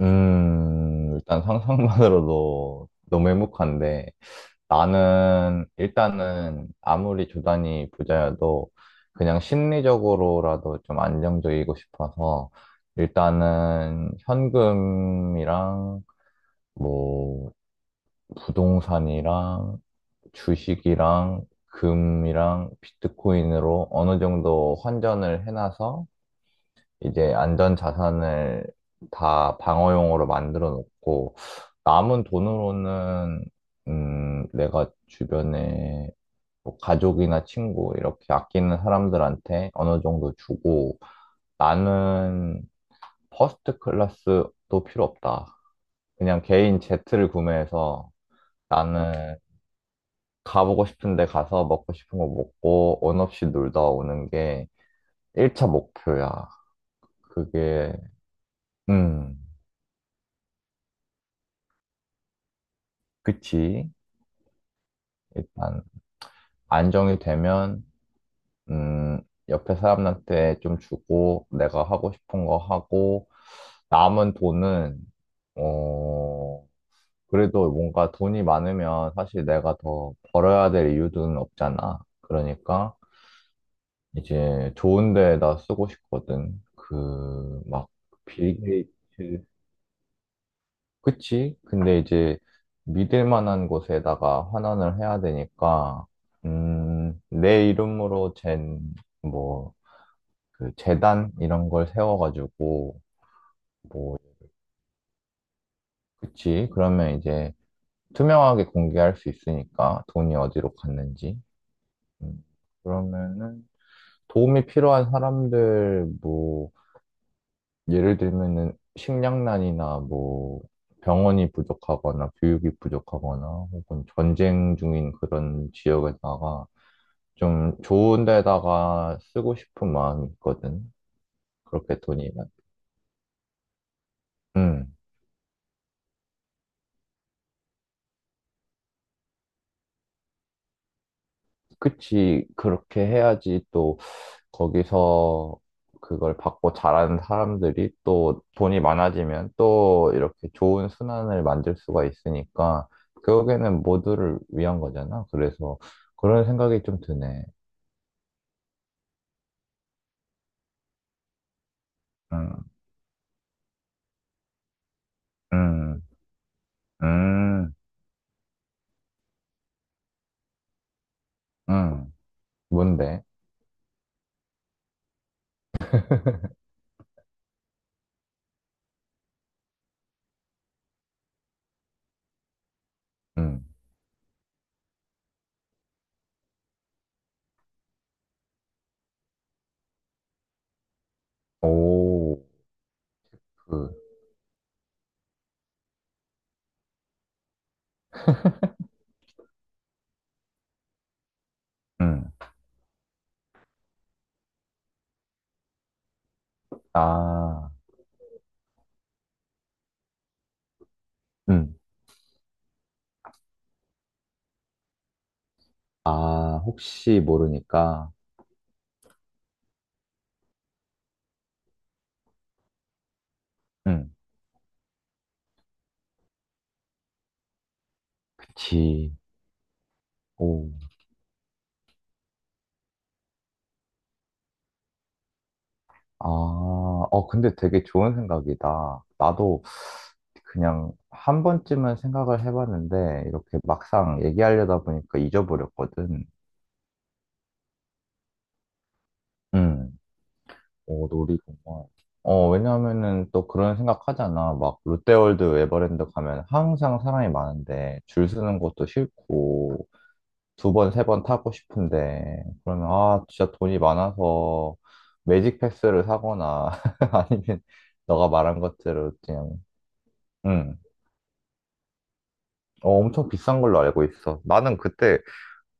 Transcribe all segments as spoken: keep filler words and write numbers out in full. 음, 일단 상상만으로도 너무 행복한데, 나는 일단은 아무리 조단이 부자여도 그냥 심리적으로라도 좀 안정적이고 싶어서 일단은 현금이랑 뭐 부동산이랑 주식이랑 금이랑 비트코인으로 어느 정도 환전을 해놔서 이제 안전 자산을 다 방어용으로 만들어 놓고 남은 돈으로는 음, 내가 주변에 뭐 가족이나 친구 이렇게 아끼는 사람들한테 어느 정도 주고 나는 퍼스트 클래스도 필요 없다. 그냥 개인 제트를 구매해서 나는 가보고 싶은데 가서 먹고 싶은 거 먹고 원 없이 놀다 오는 게 일 차 목표야. 그게 음, 그치. 일단 안정이 되면 음, 옆에 사람한테 좀 주고 내가 하고 싶은 거 하고 남은 돈은 어, 그래도 뭔가 돈이 많으면 사실 내가 더 벌어야 될 이유는 없잖아. 그러니까 이제 좋은 데에다 쓰고 싶거든. 그, 막, 빌 게이츠. 그치? 근데 이제 믿을 만한 곳에다가 환원을 해야 되니까, 음, 내 이름으로 잰, 뭐, 그 재단 이런 걸 세워가지고 뭐 그치 그러면 이제 투명하게 공개할 수 있으니까 돈이 어디로 갔는지 음, 그러면은 도움이 필요한 사람들 뭐 예를 들면은 식량난이나 뭐 병원이 부족하거나 교육이 부족하거나 혹은 전쟁 중인 그런 지역에다가 좀 좋은 데다가 쓰고 싶은 마음이 있거든. 그렇게 돈이 많- 음 그치, 그렇게 해야지. 또 거기서 그걸 받고 잘하는 사람들이 또 돈이 많아지면 또 이렇게 좋은 순환을 만들 수가 있으니까 결국에는 모두를 위한 거잖아. 그래서 그런 생각이 좀 드네. 음, 음, 음, 음. 뭔데? 음. 오, 그, 음. 아, 음. 아, 혹시 모르니까. 음. 그치. 오. 아, 어, 근데 되게 좋은 생각이다. 나도 그냥 한 번쯤은 생각을 해봤는데 이렇게 막상 얘기하려다 보니까 잊어버렸거든. 응. 어, 놀이공원. 어, 왜냐하면은 또 그런 생각하잖아. 막 롯데월드, 에버랜드 가면 항상 사람이 많은데 줄 서는 것도 싫고 두 번, 세 번 타고 싶은데 그러면 아, 진짜 돈이 많아서 매직 패스를 사거나 아니면 너가 말한 것대로 그냥. 응. 어, 엄청 비싼 걸로 알고 있어. 나는 그때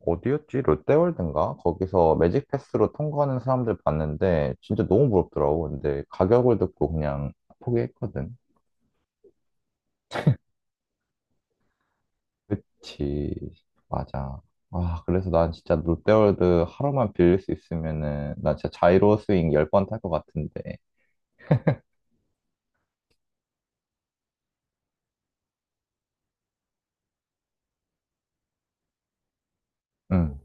어디였지? 롯데월드인가? 거기서 매직 패스로 통과하는 사람들 봤는데 진짜 너무 부럽더라고. 근데 가격을 듣고 그냥 포기했거든. 그치. 맞아. 아, 그래서 난 진짜 롯데월드 하루만 빌릴 수 있으면은 나 진짜 자이로 스윙 열 번 탈 것 같은데. 응.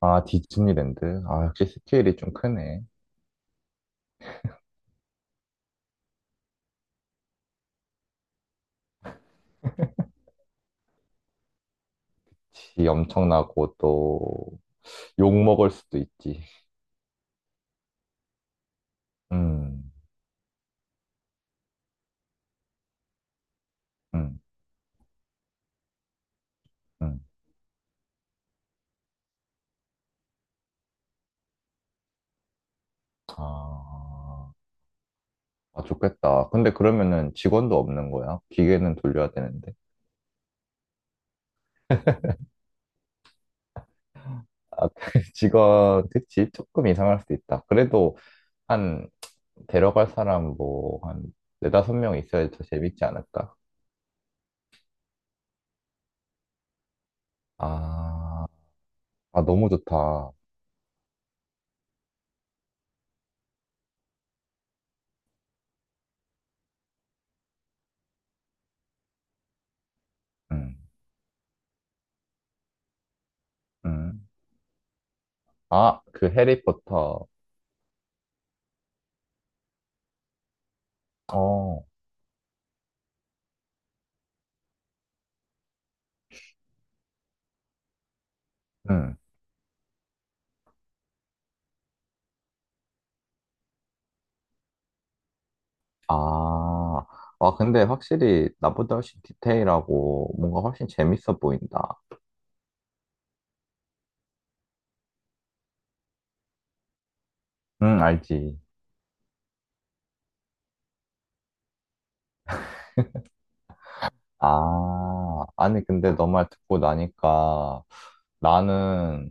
아, 디즈니랜드. 아, 역시 스케일이 좀 크네. 지 엄청나고 또 욕먹을 수도 있지. 음, 음, 음. 아. 아, 좋겠다. 근데 그러면은 직원도 없는 거야? 기계는 돌려야 되는데. 아, 직원, 그치? 조금 이상할 수도 있다. 그래도 한, 데려갈 사람 뭐, 한, 네다섯 명 있어야 더 재밌지 않을까? 아, 아, 너무 좋다. 응, 응. 아, 그 해리포터. 어, 응. 아, 아, 근데 확실히 나보다 훨씬 디테일하고 뭔가 훨씬 재밌어 보인다. 응, 알지. 아, 아니, 근데 너 말 듣고 나니까 나는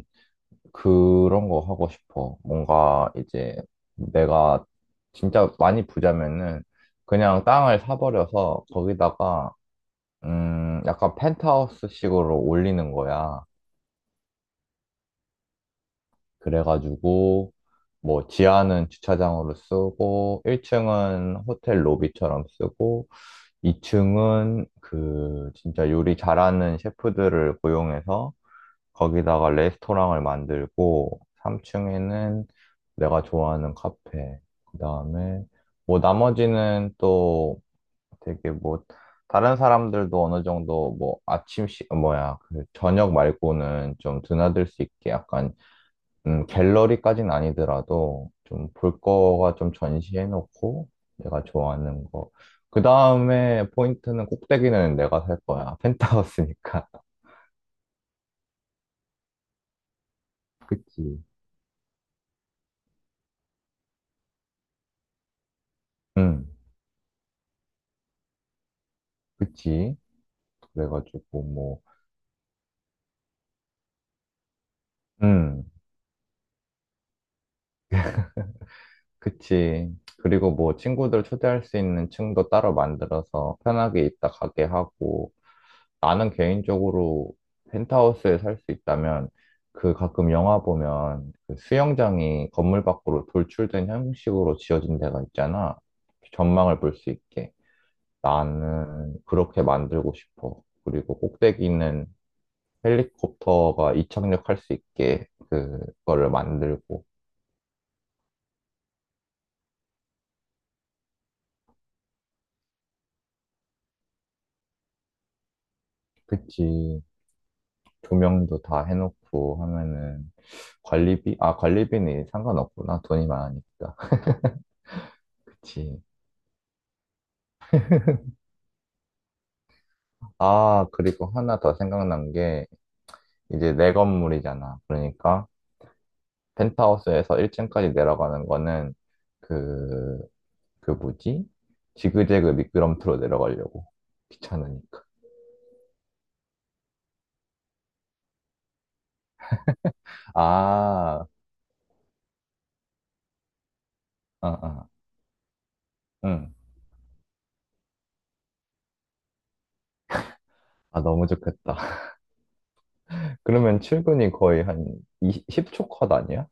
그런 거 하고 싶어. 뭔가 이제 내가 진짜 많이 부자면은 그냥 땅을 사버려서 거기다가, 음, 약간 펜트하우스식으로 올리는 거야. 그래가지고, 뭐, 지하는 주차장으로 쓰고, 일 층은 호텔 로비처럼 쓰고, 이 층은 그 진짜 요리 잘하는 셰프들을 고용해서 거기다가 레스토랑을 만들고, 삼 층에는 내가 좋아하는 카페. 그다음에 뭐 나머지는 또 되게 뭐 다른 사람들도 어느 정도 뭐 아침 시 뭐야 그 저녁 말고는 좀 드나들 수 있게 약간, 음 갤러리까지는 아니더라도 좀 볼 거가 좀 전시해 놓고, 내가 좋아하는 거. 그다음에 포인트는 꼭대기는 내가 살 거야. 펜트하우스니까. 그치. 응. 그치. 그래가지고 뭐, 음, 그치. 그리고 뭐 친구들 초대할 수 있는 층도 따로 만들어서 편하게 있다 가게 하고 나는 개인적으로 펜트하우스에 살 수 있다면 그 가끔 영화 보면 그 수영장이 건물 밖으로 돌출된 형식으로 지어진 데가 있잖아. 전망을 볼 수 있게. 나는 그렇게 만들고 싶어. 그리고 꼭대기는 헬리콥터가 이착륙할 수 있게 그거를 만들고. 그치. 조명도 다 해놓고 하면은 관리비? 아, 관리비는 상관없구나. 돈이 많으니까. 그치. 아, 그리고 하나 더 생각난 게 이제 내 건물이잖아. 그러니까 펜트하우스에서 일 층까지 내려가는 거는 그, 그 뭐지? 지그재그 미끄럼틀로 내려가려고. 귀찮으니까. 아, 아, 아, 응. 아, 너무 좋겠다. 그러면 출근이 거의 한 이십 십 초 컷 아니야?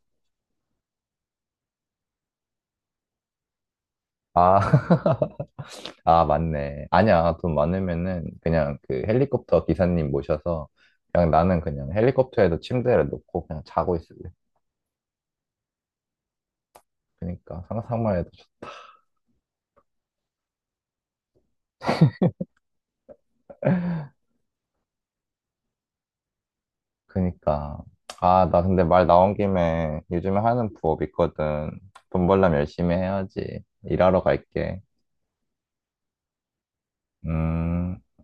아, 아, 맞네. 아니야. 돈 많으면은 그냥 그 헬리콥터 기사님 모셔서 그냥 나는 그냥 헬리콥터에도 침대를 놓고 그냥 자고 있을래. 그니까 상상만 해도 좋- 그니까 아, 나 근데 말 나온 김에 요즘에 하는 부업 있거든. 돈 벌려면 열심히 해야지. 일하러 갈게. 음.